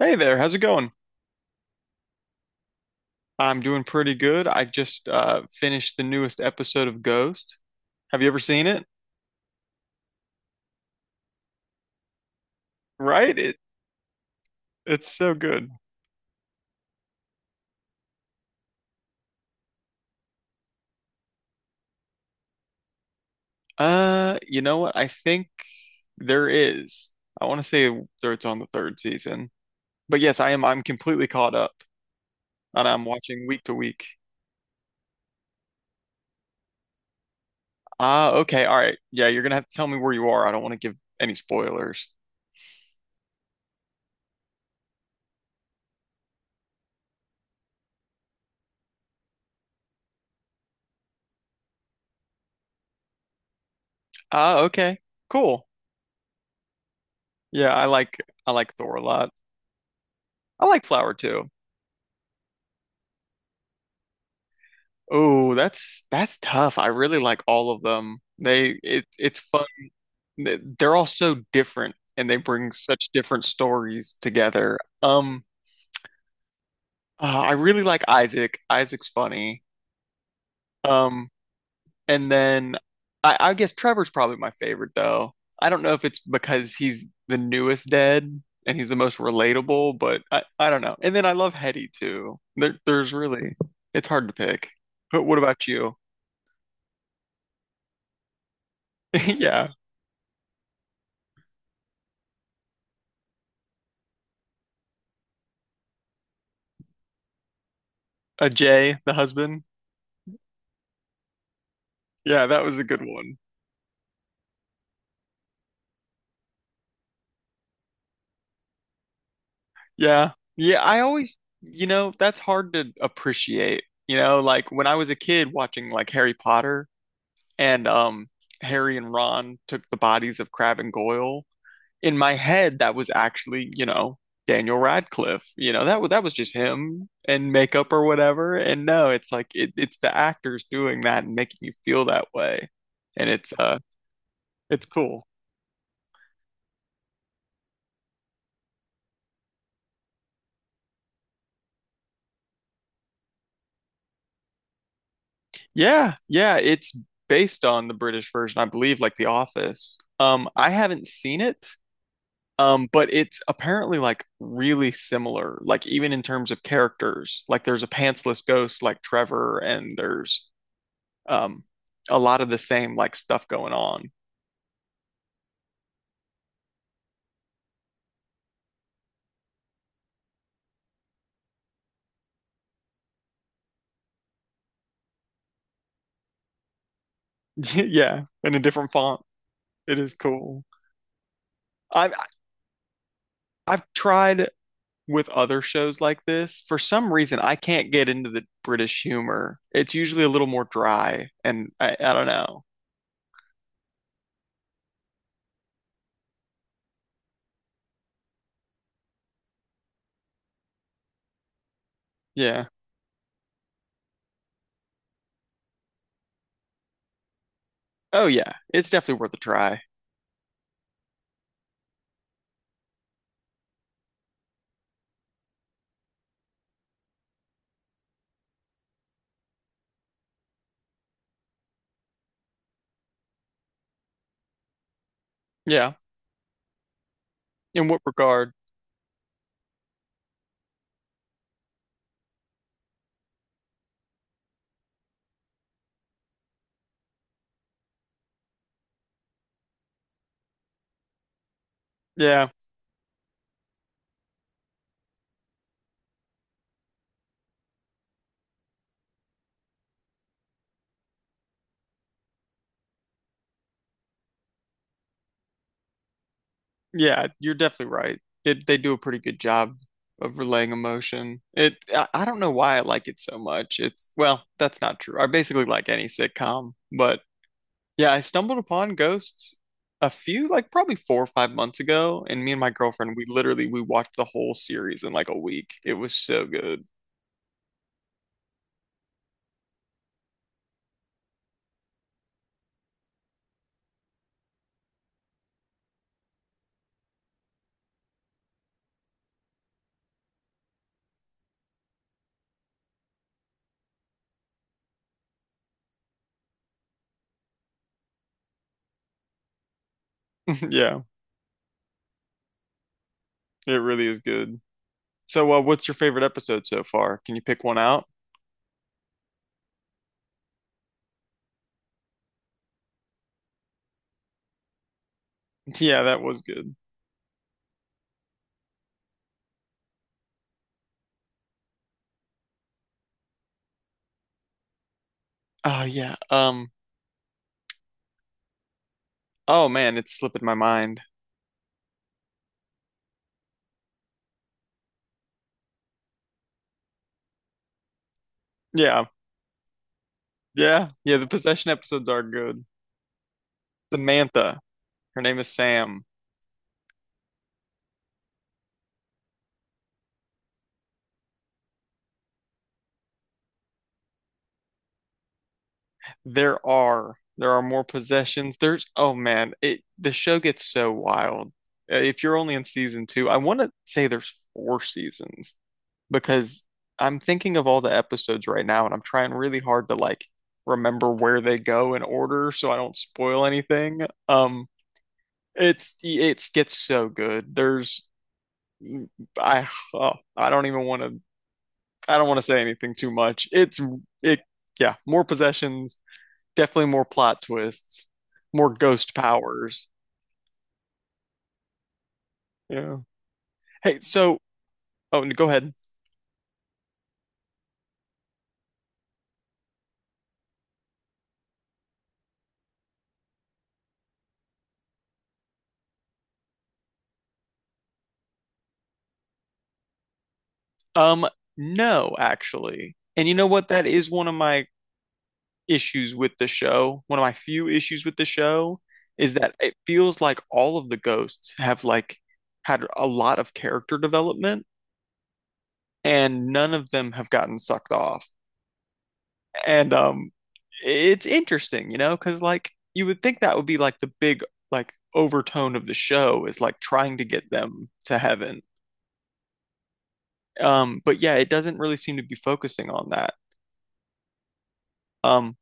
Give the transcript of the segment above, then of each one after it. Hey there, how's it going? I'm doing pretty good. I just finished the newest episode of Ghost. Have you ever seen it? Right? It's so good. You know what? I think there is. I want to say there it's on the third season. But yes, I'm completely caught up and I'm watching week to week. Ah, okay. All right. Yeah, you're gonna have to tell me where you are. I don't want to give any spoilers. Ah, okay. Cool. Yeah, I like Thor a lot. I like Flower too. Oh, that's tough. I really like all of them. They it's fun. They're all so different and they bring such different stories together. I really like Isaac. Isaac's funny. Um and then I guess Trevor's probably my favorite though. I don't know if it's because he's the newest dead and he's the most relatable, but I don't know. And then I love Hetty too. There's really it's hard to pick. But what about you? Yeah. Jay, the husband. Yeah, that was a good one. Yeah. Yeah, I always, you know, that's hard to appreciate. You know, like when I was a kid watching like Harry Potter and Harry and Ron took the bodies of Crab and Goyle, in my head that was actually, you know, Daniel Radcliffe. You know, that was just him and makeup or whatever. And no, it's like it's the actors doing that and making you feel that way. And it's cool. Yeah, yeah, it's based on the British version, I believe, like The Office. I haven't seen it, but it's apparently like really similar, like even in terms of characters. Like there's a pantsless ghost like Trevor, and there's um a lot of the same like stuff going on. Yeah, in a different font. It is cool. I've I've tried with other shows like this. For some reason, I can't get into the British humor. It's usually a little more dry, and I don't know. Yeah. Oh yeah. It's definitely worth a try. Yeah. In what regard? Yeah. Yeah, you're definitely right. It They do a pretty good job of relaying emotion. It I don't know why I like it so much. It's well, that's not true. I basically like any sitcom, but yeah, I stumbled upon Ghosts a few like probably 4 or 5 months ago and me and my girlfriend we literally we watched the whole series in like a week. It was so good. Yeah, it really is good. So, what's your favorite episode so far? Can you pick one out? Yeah, that was good. Oh yeah. Oh man, it's slipping my mind. Yeah. Yeah. Yeah. The possession episodes are good. Samantha. Her name is Sam. There are more possessions. There's oh man, it the show gets so wild. If you're only in season two, I want to say there's four seasons because I'm thinking of all the episodes right now, and I'm trying really hard to like remember where they go in order so I don't spoil anything. Um. It gets so good. There's I oh, I don't want to say anything too much. It yeah, more possessions, definitely more plot twists, more ghost powers. Yeah. Hey, so oh, go ahead. Um no, actually. And you know what? That is one of my issues with the show. One of my few issues with the show is that it feels like all of the ghosts have like had a lot of character development and none of them have gotten sucked off. And it's interesting, you know, because like you would think that would be like the big like overtone of the show is like trying to get them to heaven. But yeah, it doesn't really seem to be focusing on that. Um,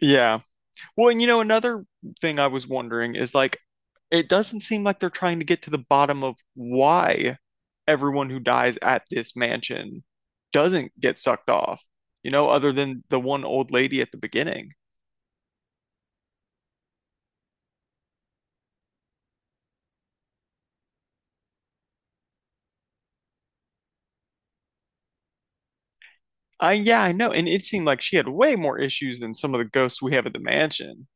yeah. Well, and you know, another thing I was wondering is like, it doesn't seem like they're trying to get to the bottom of why everyone who dies at this mansion doesn't get sucked off, you know, other than the one old lady at the beginning. Yeah, I know. And it seemed like she had way more issues than some of the ghosts we have at the mansion.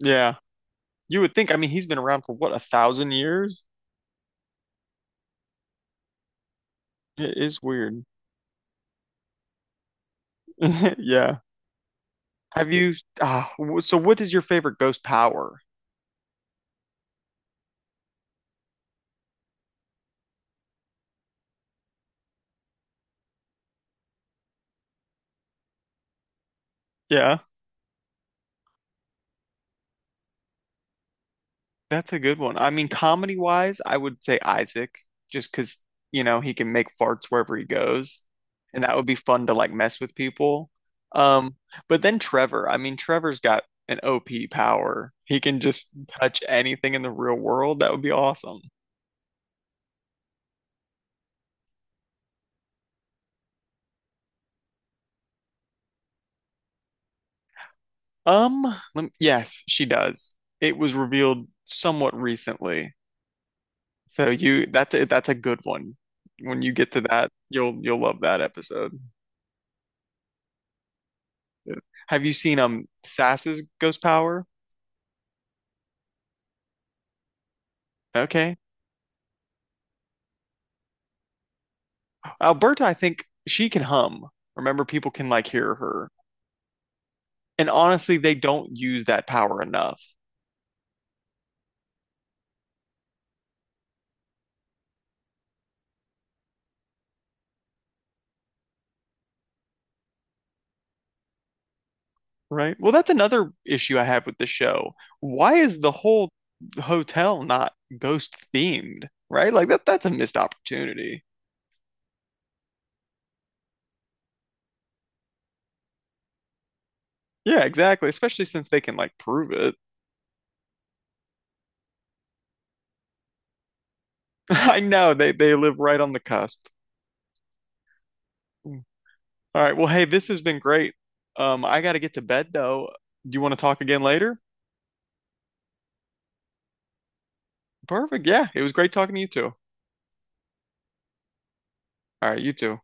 Yeah. You would think, I mean, he's been around for what, 1,000 years? It is weird. Yeah. Have you, uh, so what is your favorite ghost power? Yeah. That's a good one. I mean, comedy wise, I would say Isaac, just because, you know, he can make farts wherever he goes. And that would be fun to like mess with people. Um, but then Trevor, I mean, Trevor's got an OP power. He can just touch anything in the real world. That would be awesome. Yes, she does. It was revealed somewhat recently. So you, that's a good one. When you get to that, you'll love that episode. Yeah. Have you seen Sass's ghost power? Okay. Alberta, I think she can hum. Remember, people can like hear her. And honestly, they don't use that power enough, right? Well, that's another issue I have with the show. Why is the whole hotel not ghost themed, right? Like that's a missed opportunity. Yeah, exactly. Especially since they can like prove it. I know they live right on the cusp. Mm. All right. Well, hey, this has been great. I gotta get to bed though. Do you want to talk again later? Perfect. Yeah, it was great talking to you too. All right, you too.